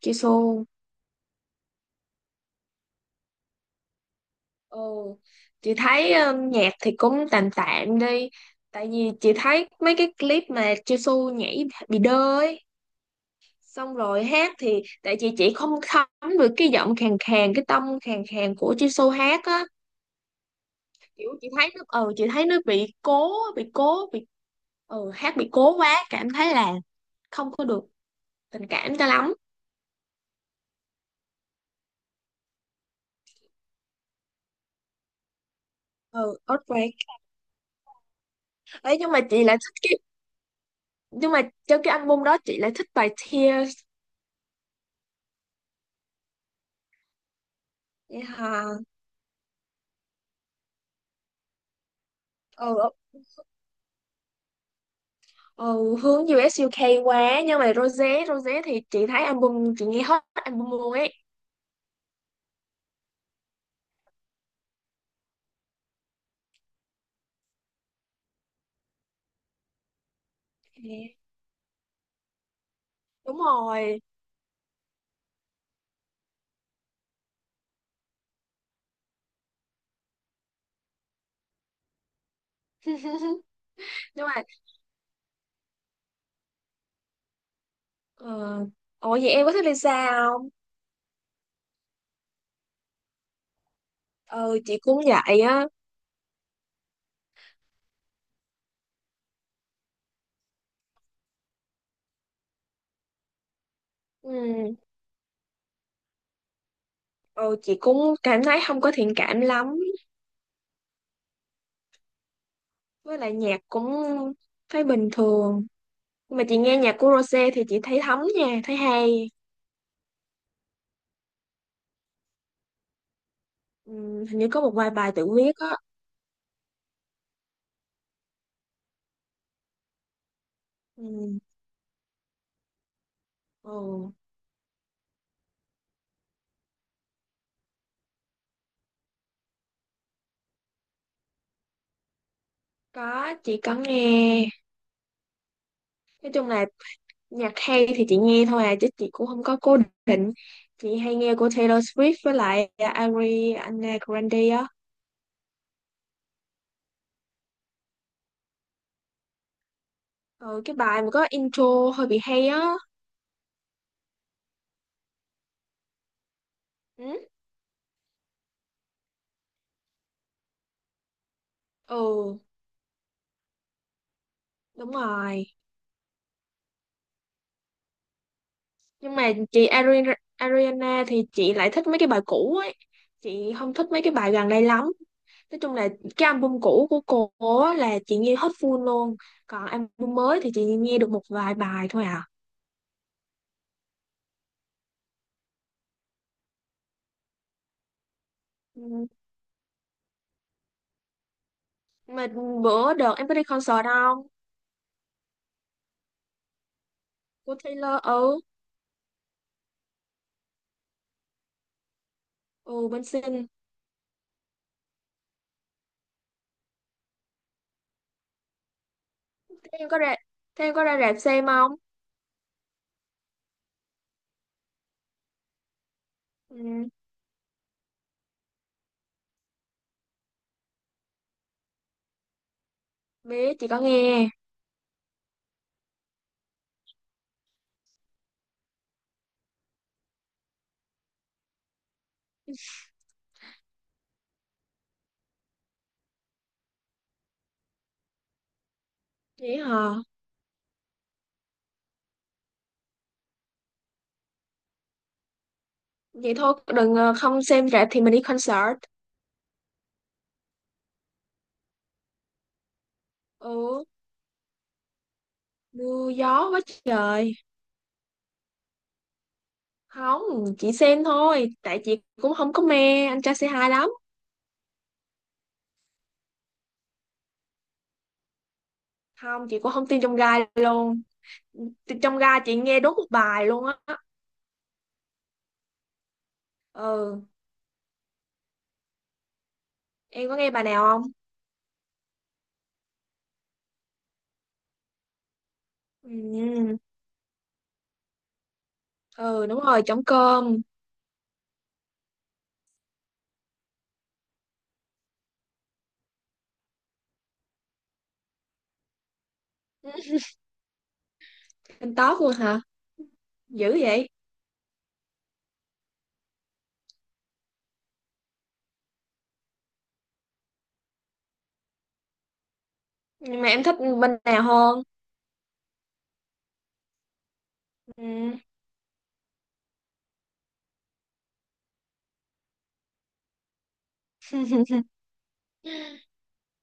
Chị Xu ừ. Chị thấy nhạc thì cũng tạm tạm đi. Tại vì chị thấy mấy cái clip mà Jisoo nhảy bị đơ ấy. Xong rồi hát thì tại vì chị không thấm được cái giọng khàn khàn, cái tông khàn khàn của Jisoo hát á. Kiểu chị thấy nó chị thấy nó bị cố, hát bị cố quá. Cảm thấy là không có được tình cảm cho lắm. Ừ, Earthquake. Ấy nhưng mà chị lại thích cái, nhưng mà trong cái album đó chị lại thích bài Tears. Vậy hả? Ừ. Ừ, hướng US UK quá nhưng mà Rosé Rosé thì chị thấy album, chị nghe hết album luôn ấy. Thế đúng rồi. Nhưng mà uh, ủa vậy em có thích Lisa không? Ừ chị cũng vậy á. Ừ, ừ chị cũng cảm thấy không có thiện cảm lắm. Với lại nhạc cũng thấy bình thường. Nhưng mà chị nghe nhạc của Rosé thì chị thấy thấm nha, thấy hay. Ừ, hình như có một vài bài tự viết á. Ừ, ừ có chị có nghe. Nói chung là nhạc hay thì chị nghe thôi à, chứ chị cũng không có cố định. Chị hay nghe của Taylor Swift với lại Ariana Grande á. Ừ, cái bài mà có intro hơi bị hay á. Ừ, ừ, đúng rồi. Nhưng mà chị Ariana thì chị lại thích mấy cái bài cũ ấy. Chị không thích mấy cái bài gần đây lắm. Nói chung là cái album cũ của cô á là chị nghe hết full luôn. Còn album mới thì chị nghe được một vài bài thôi à. Ừ. Mà bữa đợt em có đi concert không? Của Taylor ừ. Ừ, bên sinh. Thế em có ra, thế em có ra rạp xem không? Ừ, biết, chị có nghe. Vậy hả? Vậy thôi, đừng không xem rạp thì mình đi concert. Ừ, mưa gió quá trời. Không, chị xem thôi. Tại chị cũng không có mê anh trai c hai lắm. Không, chị cũng không tin trong gai luôn. Trong gai chị nghe đúng một bài luôn á. Ừ, em có nghe bài nào không? Ừ, ừ đúng rồi, trống cơm. Anh top luôn hả? Dữ vậy. Nhưng mà em thích bên nào hơn? Ừ.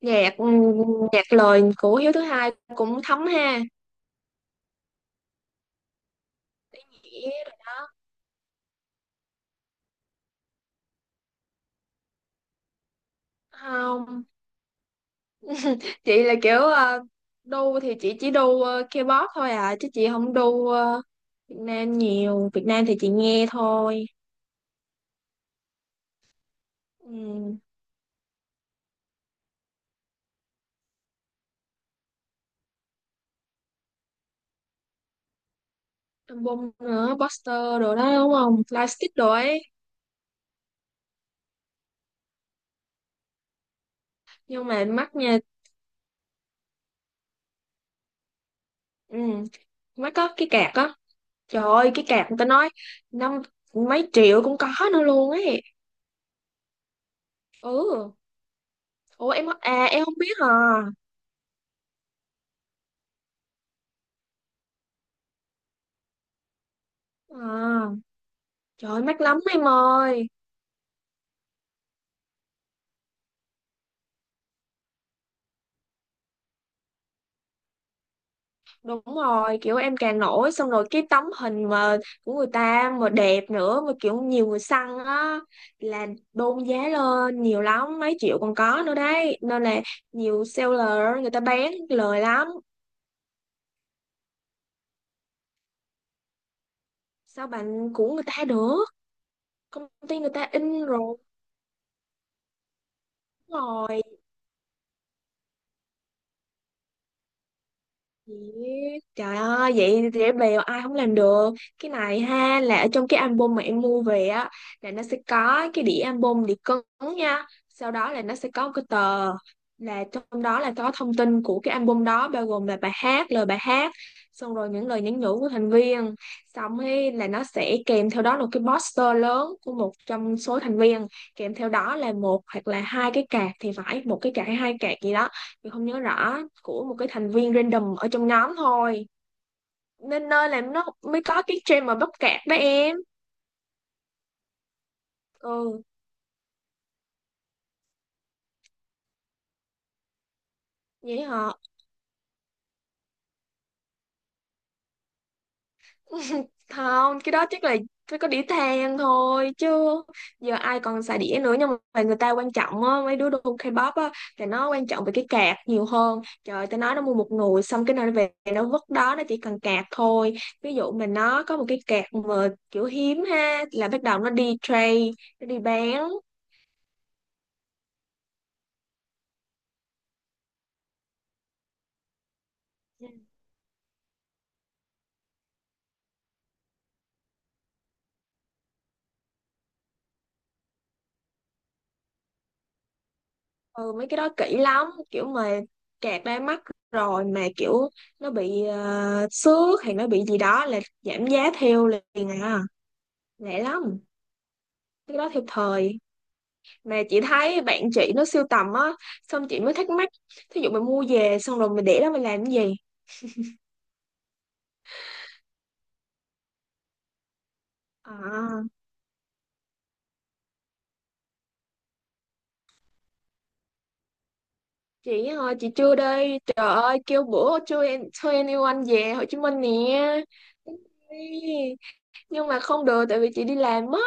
Nhạc nhạc lời của Hiếu thứ hai cũng thấm ha. Chị rồi đó. Không, chị là kiểu đu thì chị chỉ đu K-pop thôi à chứ chị không đu Việt Nam nhiều. Việt Nam thì chị nghe thôi. Ừ. Album nữa, poster đồ đó đúng không? Lightstick đồ ấy. Nhưng mà mắt nha, ừ. Mắt có cái cạc á. Trời ơi, cái cạc người ta nói năm mấy triệu cũng có nữa luôn ấy. Ừ. Ủa em à em không biết hả? À, trời ơi, mắc lắm em ơi. Đúng rồi, kiểu em càng nổi xong rồi cái tấm hình mà của người ta mà đẹp nữa mà kiểu nhiều người săn á là đôn giá lên nhiều lắm, mấy triệu còn có nữa đấy. Nên là nhiều seller người ta bán lời lắm. Sao bạn của người ta được? Công ty người ta in rồi. Đúng rồi. Dễ. Trời ơi, vậy dễ bèo ai không làm được. Cái này ha là ở trong cái album mà em mua về á là nó sẽ có cái đĩa album, đĩa cứng nha. Sau đó là nó sẽ có một cái tờ là trong đó là có thông tin của cái album đó bao gồm là bài hát, lời bài hát, xong rồi những lời nhắn nhủ của thành viên. Xong ấy là nó sẽ kèm theo đó là cái poster lớn của một trong số thành viên, kèm theo đó là một hoặc là hai cái card thì phải, một cái card hay hai card gì đó mình không nhớ rõ của một cái thành viên random ở trong nhóm thôi, nên nơi làm nó mới có cái trend mà bắp cạp đó em. Ừ vậy họ không cái đó chắc là phải có đĩa than thôi chứ giờ ai còn xài đĩa nữa. Nhưng mà người ta quan trọng á, mấy đứa đồ K-pop á là nó quan trọng về cái cạc nhiều hơn. Trời tao nói nó mua một nồi xong cái nơi về nó vứt đó, nó chỉ cần cạc thôi. Ví dụ mà nó có một cái cạc mà kiểu hiếm ha là bắt đầu nó đi trade, nó đi bán. Ừ mấy cái đó kỹ lắm, kiểu mà kẹt đai mắt rồi mà kiểu nó bị xước hay nó bị gì đó là giảm giá theo liền à, lẹ lắm. Cái đó theo thời mà chị thấy bạn chị nó sưu tầm á, xong chị mới thắc mắc thí dụ mình mua về xong rồi mình để đó mình làm cái gì. À chị ơi chị chưa đây trời ơi, kêu bữa chưa, em thuê anyone về Hồ Chí Minh nè. Đi. Nhưng mà không được tại vì chị đi làm á,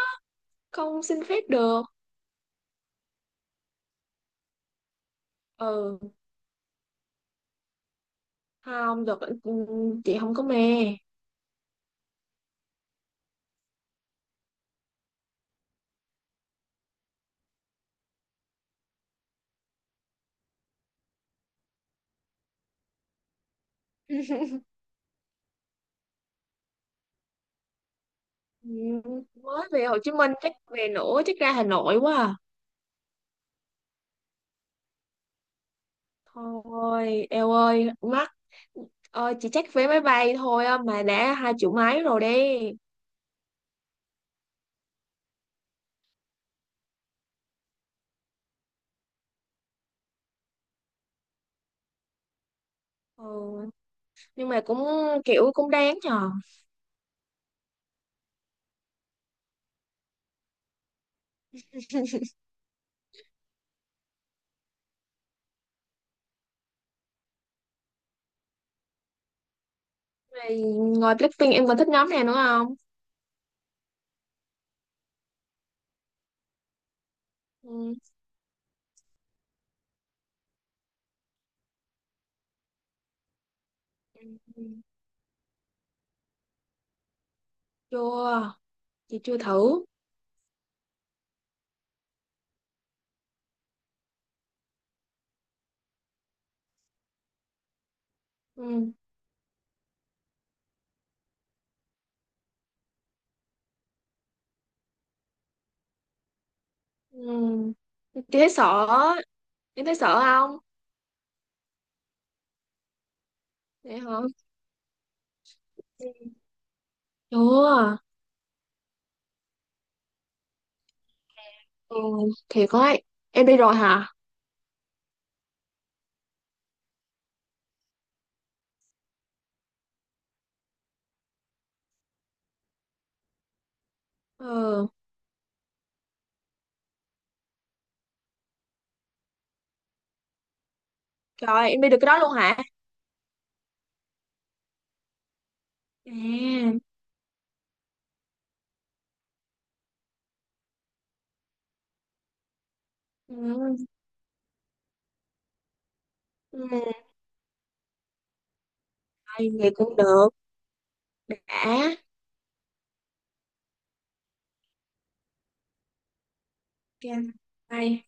không xin phép được. Ừ không được. Ừ, ừ, chị không có mê. Ừ, mới về Hồ Chí Minh chắc về nữa, chắc ra Hà Nội quá à. Thôi eo ơi mắc, chị chắc vé máy bay thôi á, mà đã hai triệu mấy rồi đi. Ừ, nhưng mà cũng kiểu cũng đáng nhờ. Rồi ngoài Blackpink em còn thích nhóm nào nữa không? Ừ. Ừ. Chưa, chị chưa thử. Ừ. Ừ. Chị thấy sợ, em thấy sợ không? Vậy hả? Chưa. Ừ, thiệt ấy. Em đi rồi hả? Ừ, trời, em đi được cái đó luôn hả? À, ừ, ừ, ai, vậy cũng được. Đã, ok, bye.